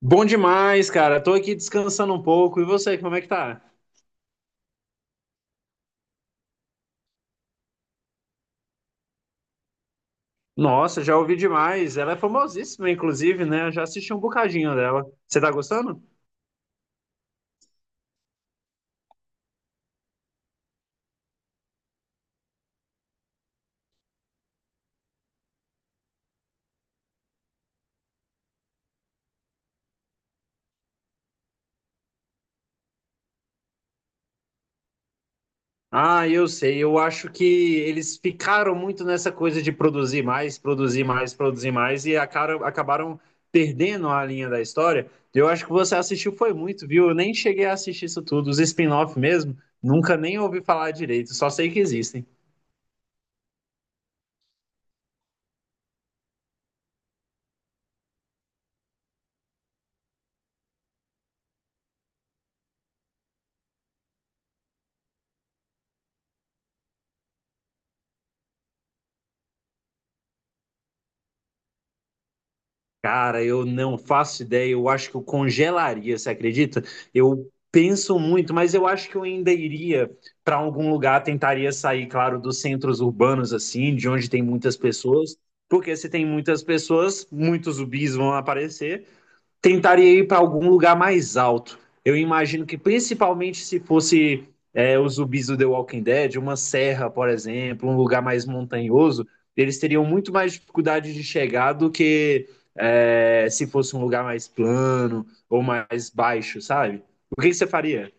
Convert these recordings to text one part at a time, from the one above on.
Bom demais, cara. Tô aqui descansando um pouco. E você, como é que tá? Nossa, já ouvi demais. Ela é famosíssima, inclusive, né? Eu já assisti um bocadinho dela. Você tá gostando? Ah, eu sei. Eu acho que eles ficaram muito nessa coisa de produzir mais, produzir mais, produzir mais e acabaram perdendo a linha da história. Eu acho que você assistiu foi muito, viu? Eu nem cheguei a assistir isso tudo. Os spin-off mesmo, nunca nem ouvi falar direito. Só sei que existem. Cara, eu não faço ideia. Eu acho que eu congelaria, você acredita? Eu penso muito, mas eu acho que eu ainda iria para algum lugar, tentaria sair, claro, dos centros urbanos, assim, de onde tem muitas pessoas, porque se tem muitas pessoas, muitos zumbis vão aparecer, tentaria ir para algum lugar mais alto. Eu imagino que principalmente se fosse os zumbis do The Walking Dead, uma serra, por exemplo, um lugar mais montanhoso, eles teriam muito mais dificuldade de chegar do que se fosse um lugar mais plano ou mais baixo, sabe? O que, que você faria?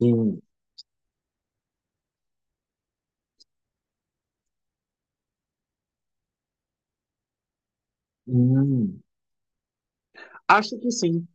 Sim. Hum. Acho que sim.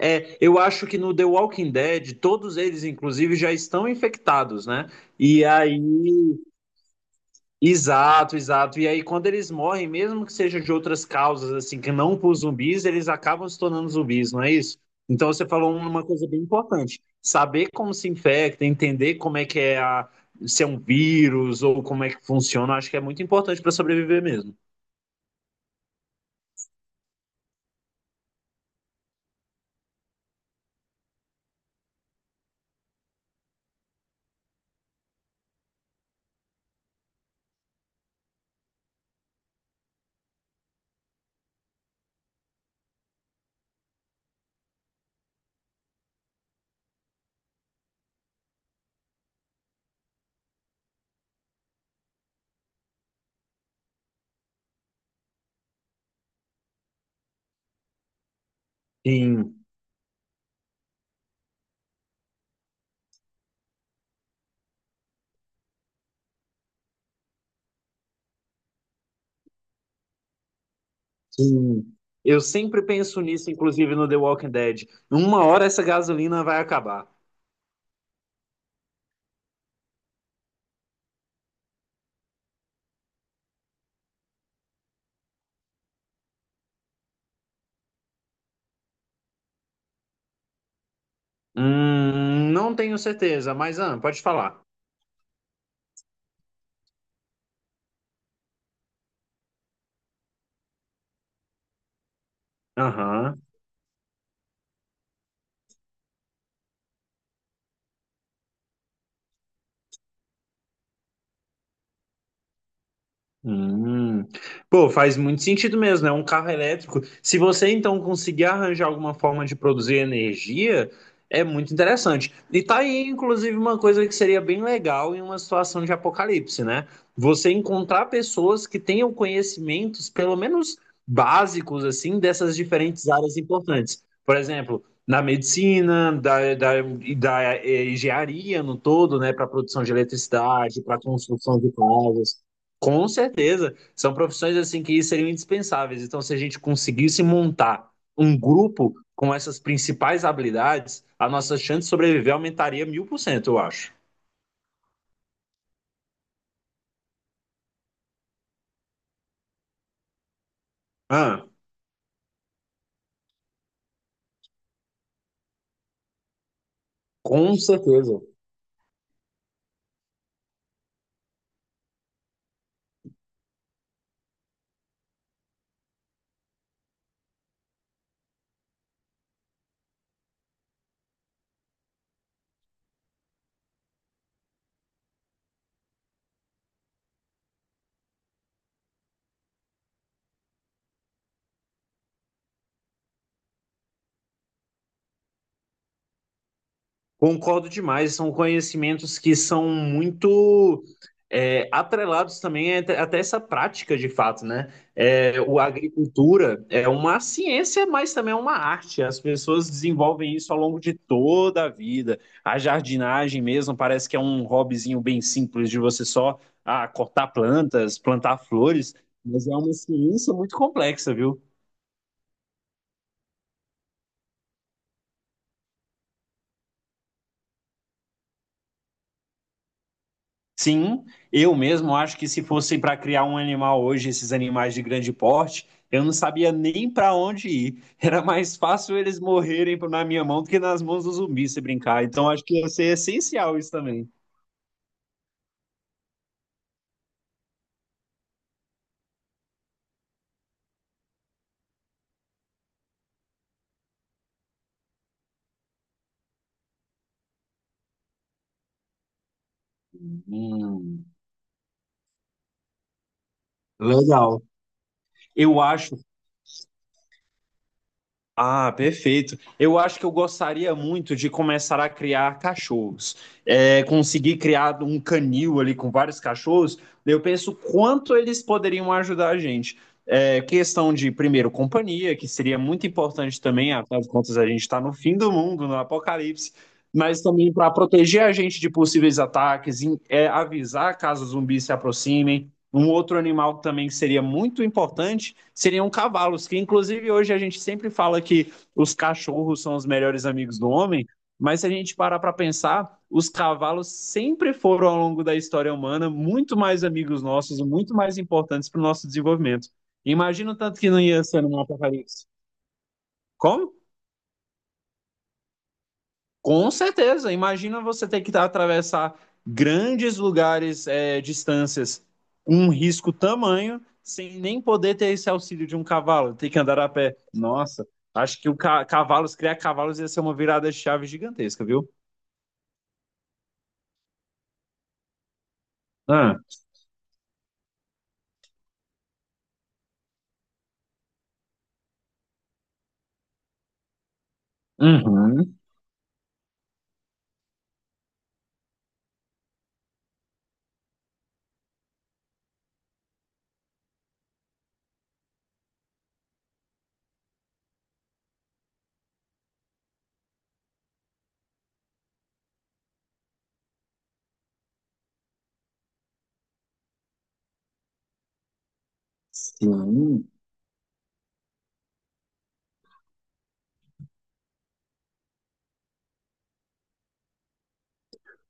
É, eu acho que no The Walking Dead, todos eles, inclusive, já estão infectados, né? E aí, exato, exato. E aí, quando eles morrem, mesmo que seja de outras causas, assim, que não por zumbis, eles acabam se tornando zumbis, não é isso? Então, você falou um, uma coisa bem importante: saber como se infecta, entender como é que é se é um vírus ou como é que funciona, acho que é muito importante para sobreviver mesmo. Sim, sim. Eu sempre penso nisso, inclusive no The Walking Dead. Uma hora essa gasolina vai acabar. Não tenho certeza, mas ah, pode falar. Aham. Hum. Pô, faz muito sentido mesmo, né? Um carro elétrico. Se você então conseguir arranjar alguma forma de produzir energia, é muito interessante. E tá aí, inclusive, uma coisa que seria bem legal em uma situação de apocalipse, né? Você encontrar pessoas que tenham conhecimentos, pelo menos básicos, assim, dessas diferentes áreas importantes. Por exemplo, na medicina, e da engenharia no todo, né? Para produção de eletricidade, para construção de casas. Com certeza. São profissões assim que seriam indispensáveis. Então, se a gente conseguisse montar um grupo com essas principais habilidades, a nossa chance de sobreviver aumentaria 1000%, eu acho. Ah, com certeza. Concordo demais, são conhecimentos que são muito atrelados também até essa prática de fato, né? É, o a agricultura é uma ciência, mas também é uma arte. As pessoas desenvolvem isso ao longo de toda a vida. A jardinagem mesmo parece que é um hobbyzinho bem simples de você só cortar plantas, plantar flores, mas é uma ciência muito complexa, viu? Sim, eu mesmo acho que se fosse para criar um animal hoje, esses animais de grande porte, eu não sabia nem para onde ir. Era mais fácil eles morrerem na minha mão do que nas mãos do zumbi se brincar. Então acho que ia ser essencial isso também. Hum, legal. Eu acho Ah, perfeito. Eu acho que eu gostaria muito de começar a criar cachorros. É, conseguir criar um canil ali com vários cachorros, eu penso quanto eles poderiam ajudar a gente. É, questão de, primeiro, companhia, que seria muito importante também, afinal de contas, a gente está no fim do mundo, no apocalipse, mas também para proteger a gente de possíveis ataques, avisar caso zumbis se aproximem. Um outro animal também que seria muito importante seriam cavalos, que inclusive hoje a gente sempre fala que os cachorros são os melhores amigos do homem, mas se a gente parar para pensar, os cavalos sempre foram, ao longo da história humana, muito mais amigos nossos, muito mais importantes para o nosso desenvolvimento. Imagina o tanto que não ia ser um apocalipse. Como? Com certeza. Imagina você ter que atravessar grandes lugares, distâncias, um risco tamanho, sem nem poder ter esse auxílio de um cavalo, ter que andar a pé. Nossa, acho que o ca cavalos, criar cavalos ia ser uma virada de chave gigantesca, viu? Ah, uhum, sim.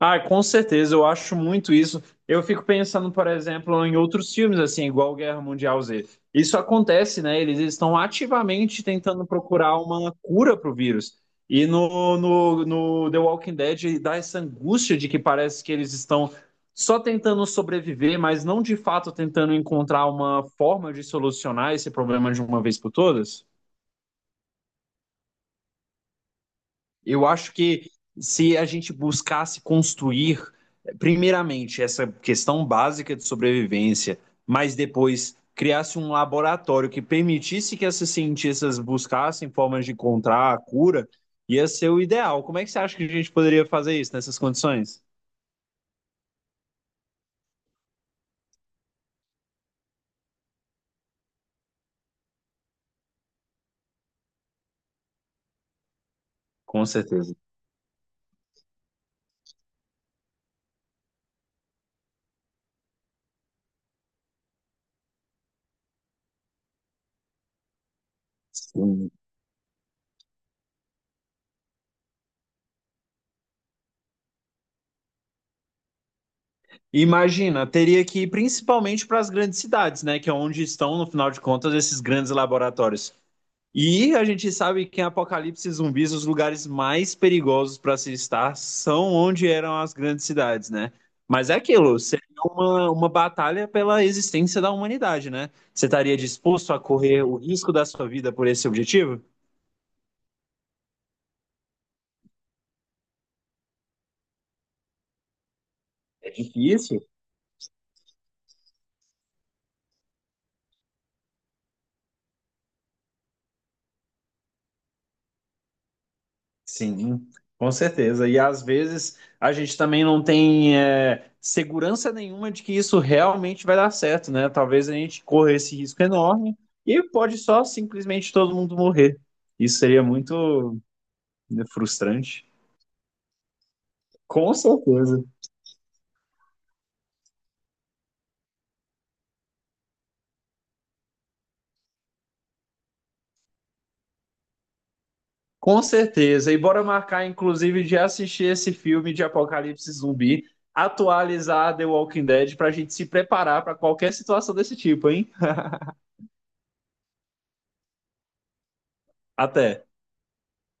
Ah, com certeza, eu acho muito isso. Eu fico pensando, por exemplo, em outros filmes, assim, igual Guerra Mundial Z. Isso acontece, né? Eles estão ativamente tentando procurar uma cura para o vírus. E no The Walking Dead dá essa angústia de que parece que eles estão só tentando sobreviver, mas não de fato tentando encontrar uma forma de solucionar esse problema de uma vez por todas. Eu acho que se a gente buscasse construir, primeiramente, essa questão básica de sobrevivência, mas depois criasse um laboratório que permitisse que esses cientistas buscassem formas de encontrar a cura, ia ser o ideal. Como é que você acha que a gente poderia fazer isso nessas condições? Com certeza. Sim. Imagina, teria que ir principalmente para as grandes cidades, né? Que é onde estão, no final de contas, esses grandes laboratórios. E a gente sabe que em apocalipse zumbis, os lugares mais perigosos para se estar são onde eram as grandes cidades, né? Mas é aquilo, seria uma batalha pela existência da humanidade, né? Você estaria disposto a correr o risco da sua vida por esse objetivo? É difícil. Sim, com certeza. E às vezes a gente também não tem segurança nenhuma de que isso realmente vai dar certo, né? Talvez a gente corra esse risco enorme e pode só simplesmente todo mundo morrer. Isso seria muito né, frustrante. Com certeza. Com certeza. E bora marcar, inclusive, de assistir esse filme de Apocalipse Zumbi, atualizar The Walking Dead para a gente se preparar para qualquer situação desse tipo, hein? Até.